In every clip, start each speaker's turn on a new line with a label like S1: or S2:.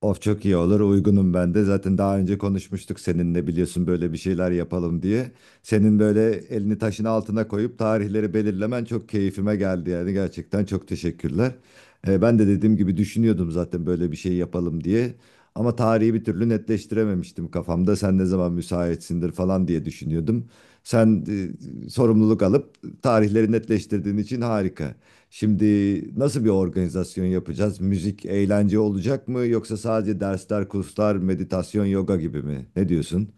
S1: Of çok iyi olur uygunum ben de. Zaten daha önce konuşmuştuk seninle biliyorsun böyle bir şeyler yapalım diye. Senin böyle elini taşın altına koyup tarihleri belirlemen çok keyfime geldi yani gerçekten çok teşekkürler. Ben de dediğim gibi düşünüyordum zaten böyle bir şey yapalım diye. Ama tarihi bir türlü netleştirememiştim kafamda. Sen ne zaman müsaitsindir falan diye düşünüyordum. Sen sorumluluk alıp tarihleri netleştirdiğin için harika. Şimdi nasıl bir organizasyon yapacağız? Müzik, eğlence olacak mı yoksa sadece dersler, kurslar, meditasyon, yoga gibi mi? Ne diyorsun?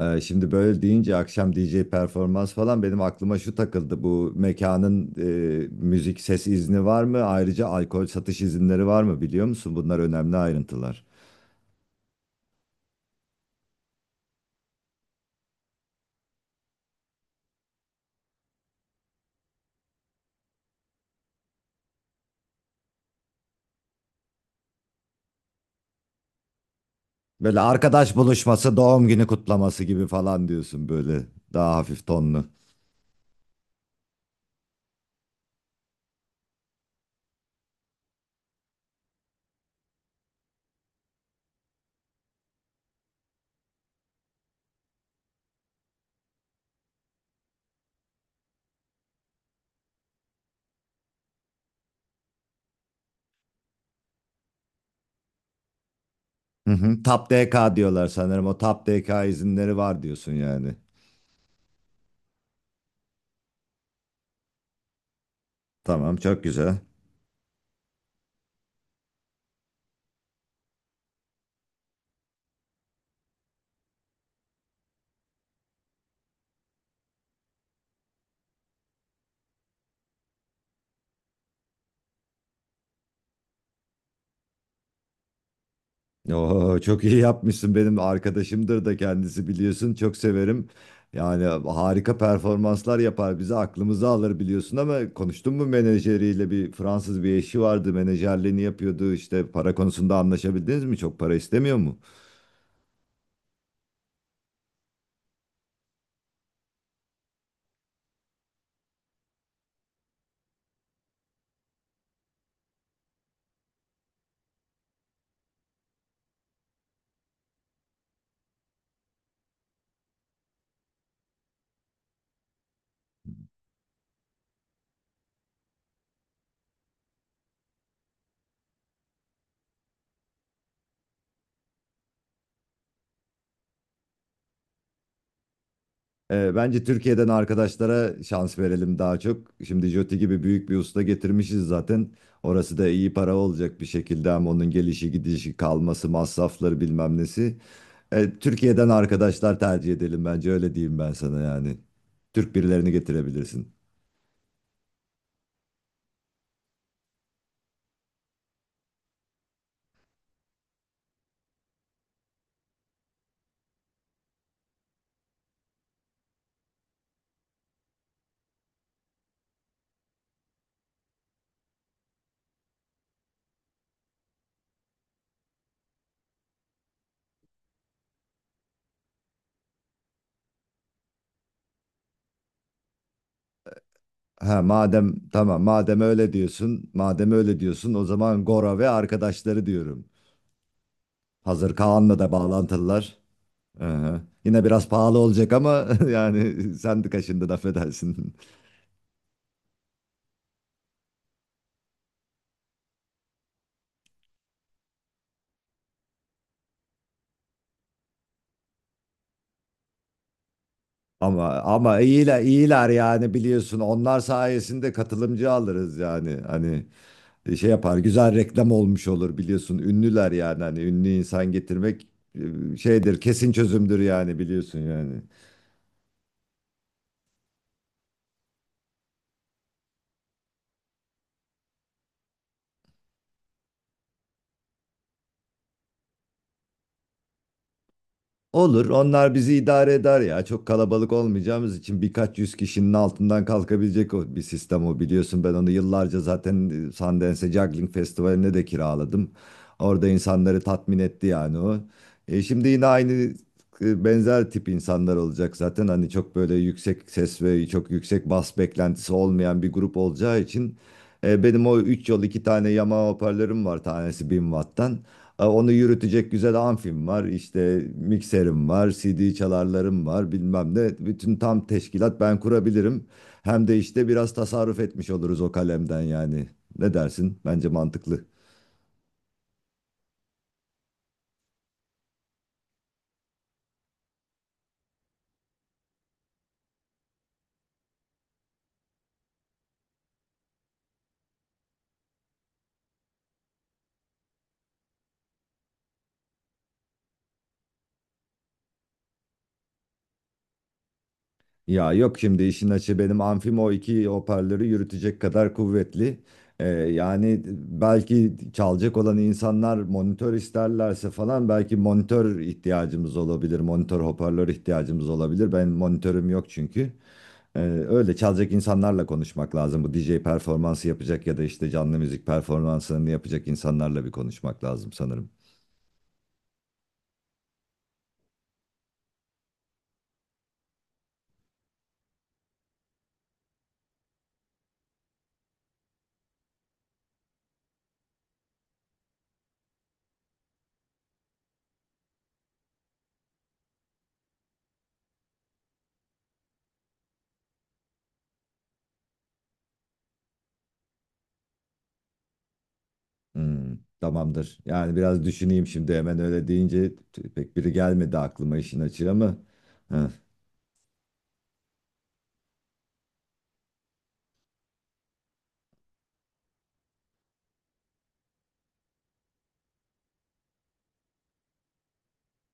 S1: Şimdi böyle deyince akşam DJ performans falan benim aklıma şu takıldı. Bu mekanın müzik ses izni var mı? Ayrıca alkol satış izinleri var mı biliyor musun? Bunlar önemli ayrıntılar. Böyle arkadaş buluşması, doğum günü kutlaması gibi falan diyorsun böyle daha hafif tonlu. Hı hı. Tap DK diyorlar sanırım. O Tap DK izinleri var diyorsun yani. Tamam çok güzel. Oo, çok iyi yapmışsın. Benim arkadaşımdır da kendisi biliyorsun. Çok severim. Yani harika performanslar yapar. Bizi aklımızı alır biliyorsun ama konuştun mu menajeriyle? Bir Fransız bir eşi vardı. Menajerliğini yapıyordu. İşte para konusunda anlaşabildiniz mi? Çok para istemiyor mu? Bence Türkiye'den arkadaşlara şans verelim daha çok. Şimdi Joti gibi büyük bir usta getirmişiz zaten. Orası da iyi para olacak bir şekilde ama onun gelişi gidişi kalması masrafları bilmem nesi. Türkiye'den arkadaşlar tercih edelim bence öyle diyeyim ben sana yani. Türk birilerini getirebilirsin. Ha madem tamam madem öyle diyorsun o zaman Gora ve arkadaşları diyorum. Hazır Kaan'la da bağlantılılar. Aha. Yine biraz pahalı olacak ama yani sen de kaşındın affedersin. Ama iyiler iyiler yani biliyorsun onlar sayesinde katılımcı alırız yani hani şey yapar güzel reklam olmuş olur biliyorsun ünlüler yani hani ünlü insan getirmek şeydir kesin çözümdür yani biliyorsun yani. Olur, onlar bizi idare eder ya. Çok kalabalık olmayacağımız için birkaç yüz kişinin altından kalkabilecek o bir sistem o biliyorsun. Ben onu yıllarca zaten Sundance Juggling Festivali'ne de kiraladım. Orada insanları tatmin etti yani o. Şimdi yine aynı benzer tip insanlar olacak zaten. Hani çok böyle yüksek ses ve çok yüksek bas beklentisi olmayan bir grup olacağı için. Benim o 3 yol iki tane Yamaha hoparlörüm var tanesi 1000 watt'tan. Onu yürütecek güzel amfim var, işte mikserim var, CD çalarlarım var, bilmem ne. Bütün tam teşkilat ben kurabilirim. Hem de işte biraz tasarruf etmiş oluruz o kalemden yani. Ne dersin? Bence mantıklı. Ya yok şimdi işin açığı benim amfim o iki hoparlörü yürütecek kadar kuvvetli. Yani belki çalacak olan insanlar monitör isterlerse falan belki monitör ihtiyacımız olabilir. Monitör hoparlör ihtiyacımız olabilir. Ben monitörüm yok çünkü. Ee, öyle çalacak insanlarla konuşmak lazım. Bu DJ performansı yapacak ya da işte canlı müzik performansını yapacak insanlarla bir konuşmak lazım sanırım. Tamamdır. Yani biraz düşüneyim şimdi hemen öyle deyince pek biri gelmedi aklıma işin açığı ama. Hı,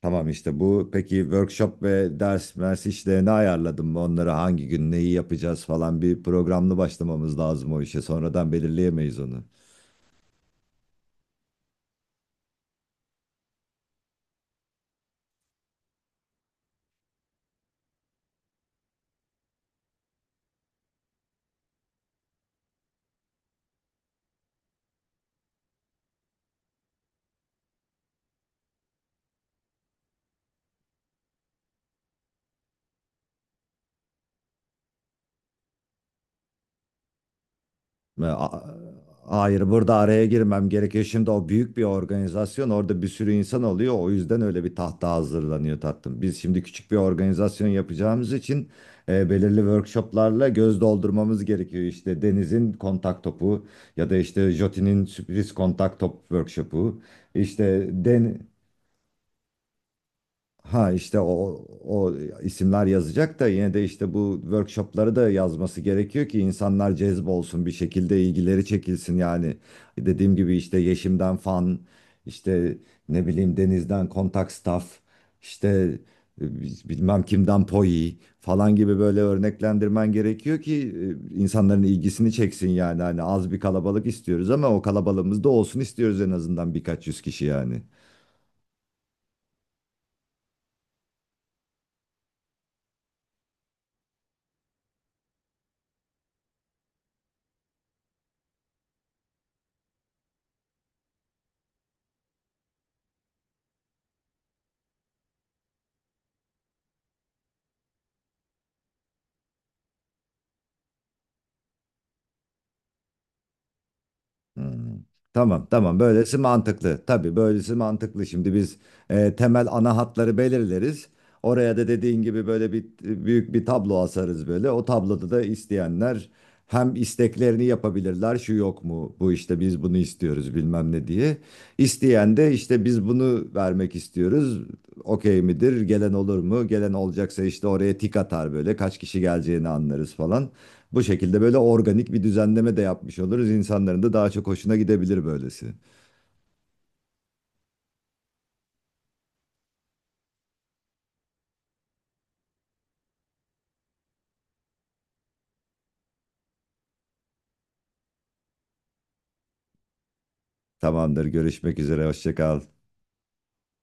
S1: tamam işte bu. Peki workshop ve ders mers işlerini ayarladım mı? Onları hangi gün neyi yapacağız falan bir programlı başlamamız lazım o işe. Sonradan belirleyemeyiz onu. E, a- Hayır, burada araya girmem gerekiyor. Şimdi o büyük bir organizasyon, orada bir sürü insan oluyor. O yüzden öyle bir tahta hazırlanıyor tatlım. Biz şimdi küçük bir organizasyon yapacağımız için belirli workshoplarla göz doldurmamız gerekiyor. İşte Deniz'in kontak topu ya da işte Jotin'in sürpriz kontak top workshopu. İşte Ha işte o isimler yazacak da yine de işte bu workshopları da yazması gerekiyor ki insanlar cezbolsun bir şekilde ilgileri çekilsin yani. Dediğim gibi işte Yeşim'den fan, işte ne bileyim Deniz'den kontak staff, işte bilmem kimden poi falan gibi böyle örneklendirmen gerekiyor ki insanların ilgisini çeksin yani. Hani az bir kalabalık istiyoruz ama o kalabalığımız da olsun istiyoruz en azından birkaç yüz kişi yani. Hmm. Tamam tamam böylesi mantıklı. Tabii böylesi mantıklı. Şimdi biz temel ana hatları belirleriz. Oraya da dediğin gibi böyle bir büyük bir tablo asarız böyle. O tabloda da isteyenler hem isteklerini yapabilirler. Şu yok mu? Bu işte biz bunu istiyoruz bilmem ne diye. İsteyen de işte biz bunu vermek istiyoruz. Okey midir? Gelen olur mu? Gelen olacaksa işte oraya tik atar böyle. Kaç kişi geleceğini anlarız falan. Bu şekilde böyle organik bir düzenleme de yapmış oluruz. İnsanların da daha çok hoşuna gidebilir böylesi. Tamamdır, görüşmek üzere, hoşça kal.